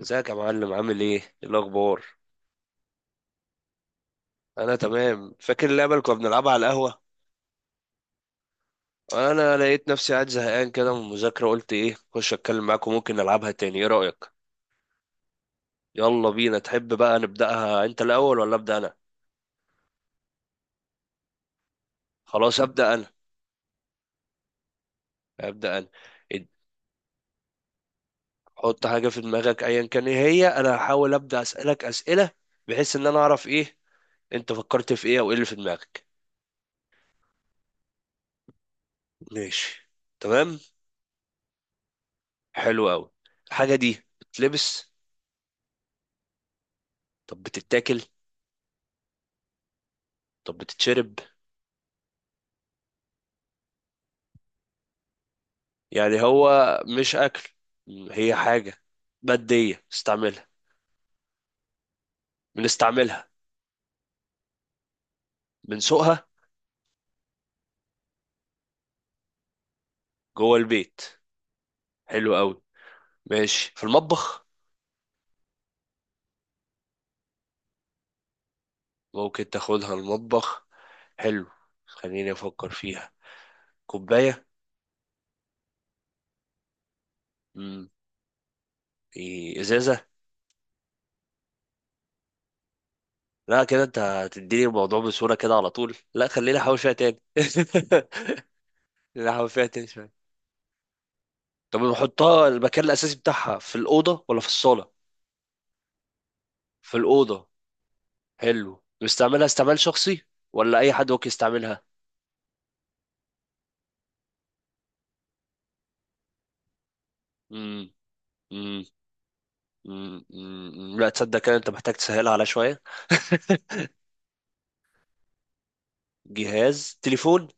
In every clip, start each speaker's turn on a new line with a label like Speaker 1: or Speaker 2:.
Speaker 1: ازيك يا معلم، عامل ايه؟ ايه الاخبار؟ انا تمام. فاكر اللعبه اللي كنا بنلعبها على القهوه؟ انا لقيت نفسي قاعد زهقان كده من المذاكره، قلت ايه اخش اتكلم معاكم. ممكن نلعبها تاني؟ ايه رايك؟ يلا بينا. تحب بقى نبداها انت الاول ولا ابدا انا؟ خلاص ابدا انا. ابدا انا اد- حط حاجه في دماغك ايا كان ايه هي. انا هحاول ابدا اسالك اسئله بحيث ان انا اعرف ايه انت فكرت في ايه، او ايه اللي في دماغك. ماشي. تمام. حلو قوي. الحاجه دي بتلبس؟ طب بتتاكل؟ طب بتتشرب؟ يعني هو مش أكل. هي حاجة مادية نستعملها؟ بنستعملها؟ بنسوقها؟ جوه البيت؟ حلو قوي. ماشي في المطبخ؟ ممكن تاخدها المطبخ. حلو. خليني أفكر فيها. كوباية؟ مم. إيه، إزازة؟ لا كده أنت هتديني الموضوع بصورة كده على طول. لا خليني أحاول فيها تاني. خليني أحاول فيها تاني شوية. طب نحطها المكان الأساسي بتاعها في الأوضة ولا في الصالة؟ في الأوضة. حلو. بيستعملها استعمال شخصي ولا اي حد ممكن يستعملها؟ امم امم أمم. لا تصدق كده، انت محتاج تسهلها على شوية. جهاز تليفون؟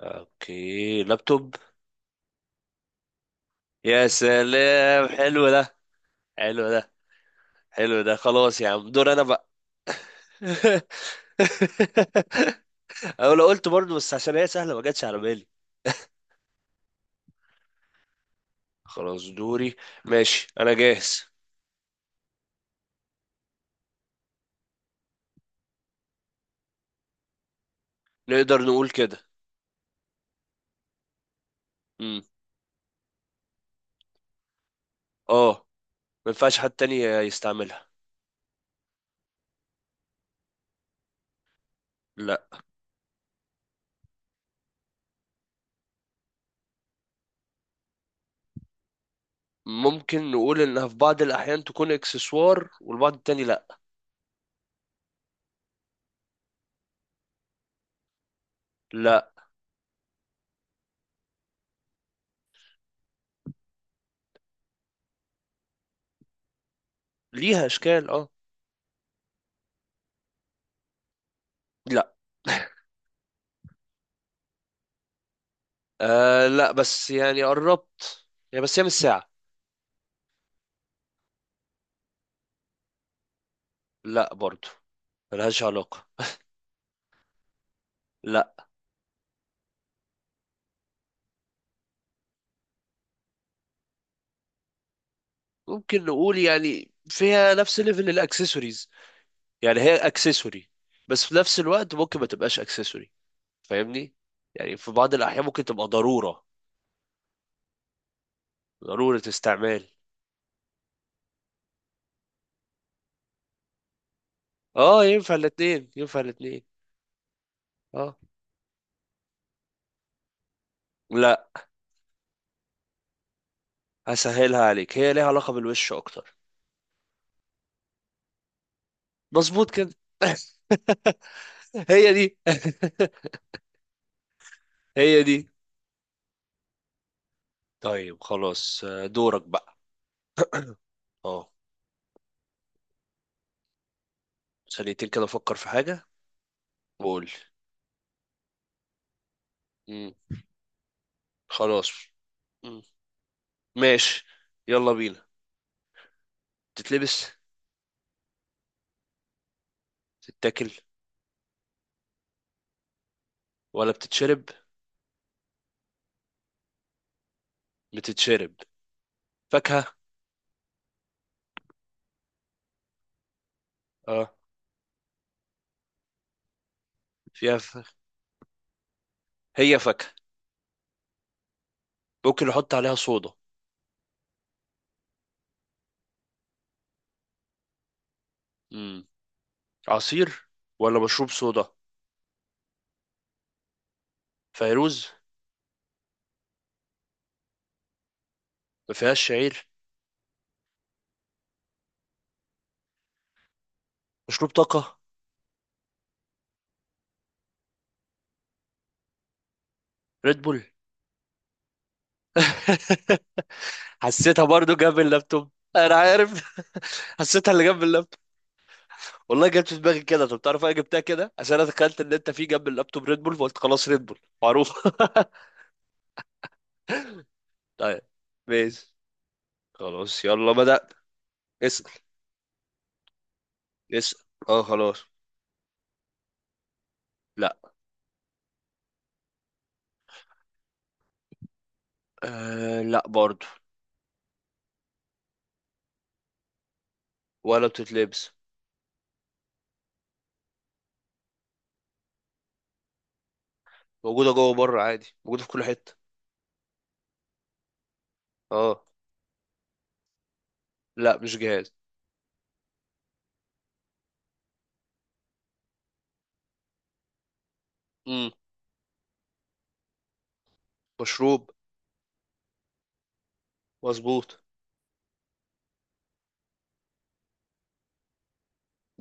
Speaker 1: اوكي لابتوب. يا سلام حلو ده، حلو ده، حلو ده. خلاص يا عم، دور انا بقى. او لو قلت برضه، بس عشان هي سهلة ما جاتش على بالي. خلاص دوري. ماشي انا جاهز. نقدر نقول كده. امم. اه، ما ينفعش حد تاني يستعملها. لا. ممكن نقول انها في بعض الاحيان تكون اكسسوار والبعض التاني لا. لا، ليها اشكال، اه. لا. آه لا، بس يعني قربت. يعني بس هي مش ساعة. لا برضو، ملهاش علاقة. لا. ممكن نقول يعني فيها نفس ليفل الاكسسوارز. يعني هي اكسسوري، بس في نفس الوقت ممكن ما تبقاش اكسسوري. فاهمني؟ يعني في بعض الاحيان ممكن تبقى ضرورة. ضرورة استعمال. اه، ينفع الاتنين، ينفع الاتنين. اه. لا. هسهلها عليك، هي ليها علاقة بالوش اكتر. مظبوط كده. هي دي. هي دي. طيب خلاص. دورك بقى. اه. ثانيتين كده افكر في حاجة وقول. مم. خلاص. مم. ماشي. يلا بينا. بتتلبس؟ تتاكل؟ ولا بتتشرب؟ بتتشرب. فاكهة؟ اه. فيها ف... هي فاكهة. ممكن نحط عليها صودا؟ مم. عصير ولا مشروب صودا؟ فيروز؟ ما فيهاش شعير؟ مشروب طاقة. ريد بول. حسيتها برضو جاب اللابتوب. انا عارف. حسيتها اللي جنب اللابتوب. والله جت في دماغي كده. طب تعرف انا جبتها كده عشان انا تخيلت ان انت في جنب اللابتوب ريد بول، فقلت خلاص ريد بول معروف. طيب. ماشي. خلاص يلا بدأت. اسأل. اسأل. اه خلاص. لا. آه لا برضو. ولا بتتلبس. موجودة جوه بره عادي، موجودة في كل حتة. اه. لا مش جهاز. امم. مشروب. مظبوط.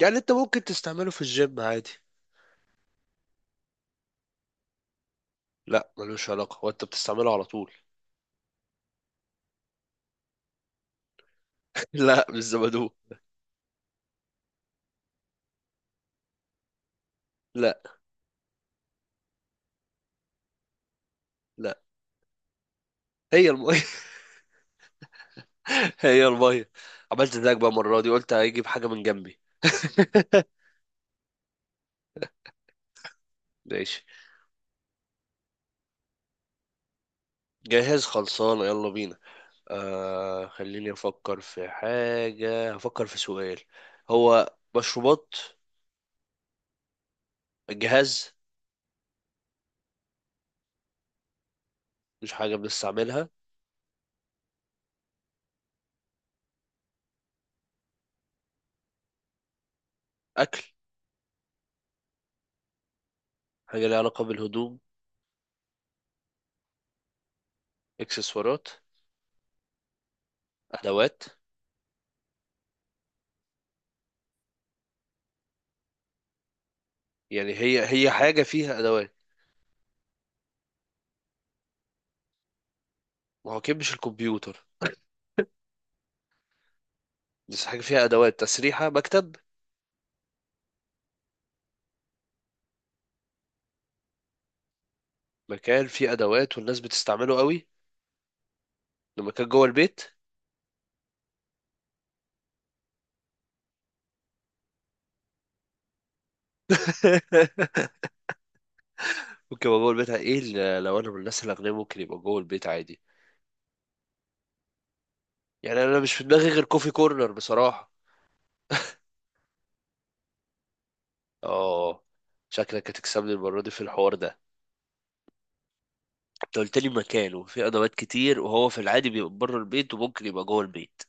Speaker 1: يعني انت ممكن تستعمله في الجيم عادي. لا ملوش علاقة، وانت بتستعمله على طول. لا مش زبادو. لا. لا. هي المية. هي المية. عملت زيك بقى المرة دي، قلت هيجيب حاجة من جنبي. ماشي. جاهز خلصان، يلا بينا. آه خليني أفكر في حاجة، هفكر في سؤال. هو مشروبات؟ جهاز؟ مش حاجة بنستعملها؟ أكل؟ حاجة ليها علاقة بالهدوم؟ إكسسوارات؟ أدوات؟ يعني هي هي حاجة فيها أدوات. ما هو أكيد مش الكمبيوتر. بس حاجة فيها أدوات، تسريحة مكتب؟ مكان فيه أدوات والناس بتستعمله قوي؟ ده مكان جوه البيت؟ ممكن ابقى جوه البيت، ايه لو انا من الناس الاغنياء ممكن يبقى جوه البيت عادي. يعني انا مش في دماغي غير كوفي كورنر بصراحه. اه. شكلك هتكسبني المره دي في الحوار ده. انت قلت لي مكان وفي ادوات كتير، وهو في العادي بيبقى بره البيت وممكن يبقى جوه البيت.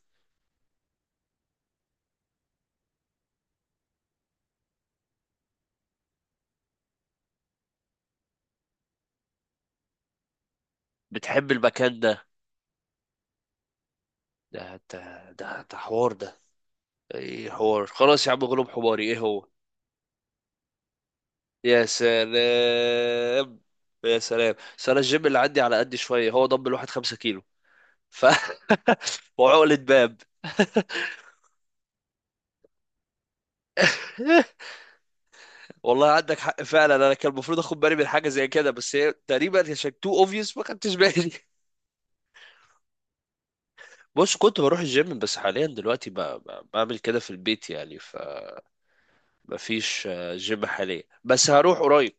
Speaker 1: بتحب المكان ده. ده انت. ده حوار ده. ايه حوار، خلاص يا عم غلوب حماري، ايه هو؟ يا سلام. يا سلام. بس انا الجيم اللي عندي على قد شويه، هو ضم الواحد خمسة كيلو ف وعقلة باب. والله عندك حق فعلا. انا كان المفروض اخد بالي من حاجه زي كده، بس هي تقريبا عشان تو اوبفيوس ما خدتش بالي. بص، كنت بروح الجيم بس حاليا دلوقتي بعمل كده في البيت. يعني فما فيش جيم حاليا، بس هروح قريب.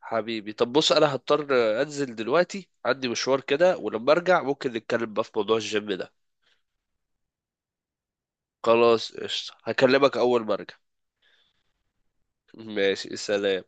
Speaker 1: حبيبي طب بص، انا هضطر انزل دلوقتي، عندي مشوار كده، ولما ارجع ممكن نتكلم بقى في موضوع الجيم ده. خلاص قشطة، هكلمك اول ما ارجع. ماشي سلام.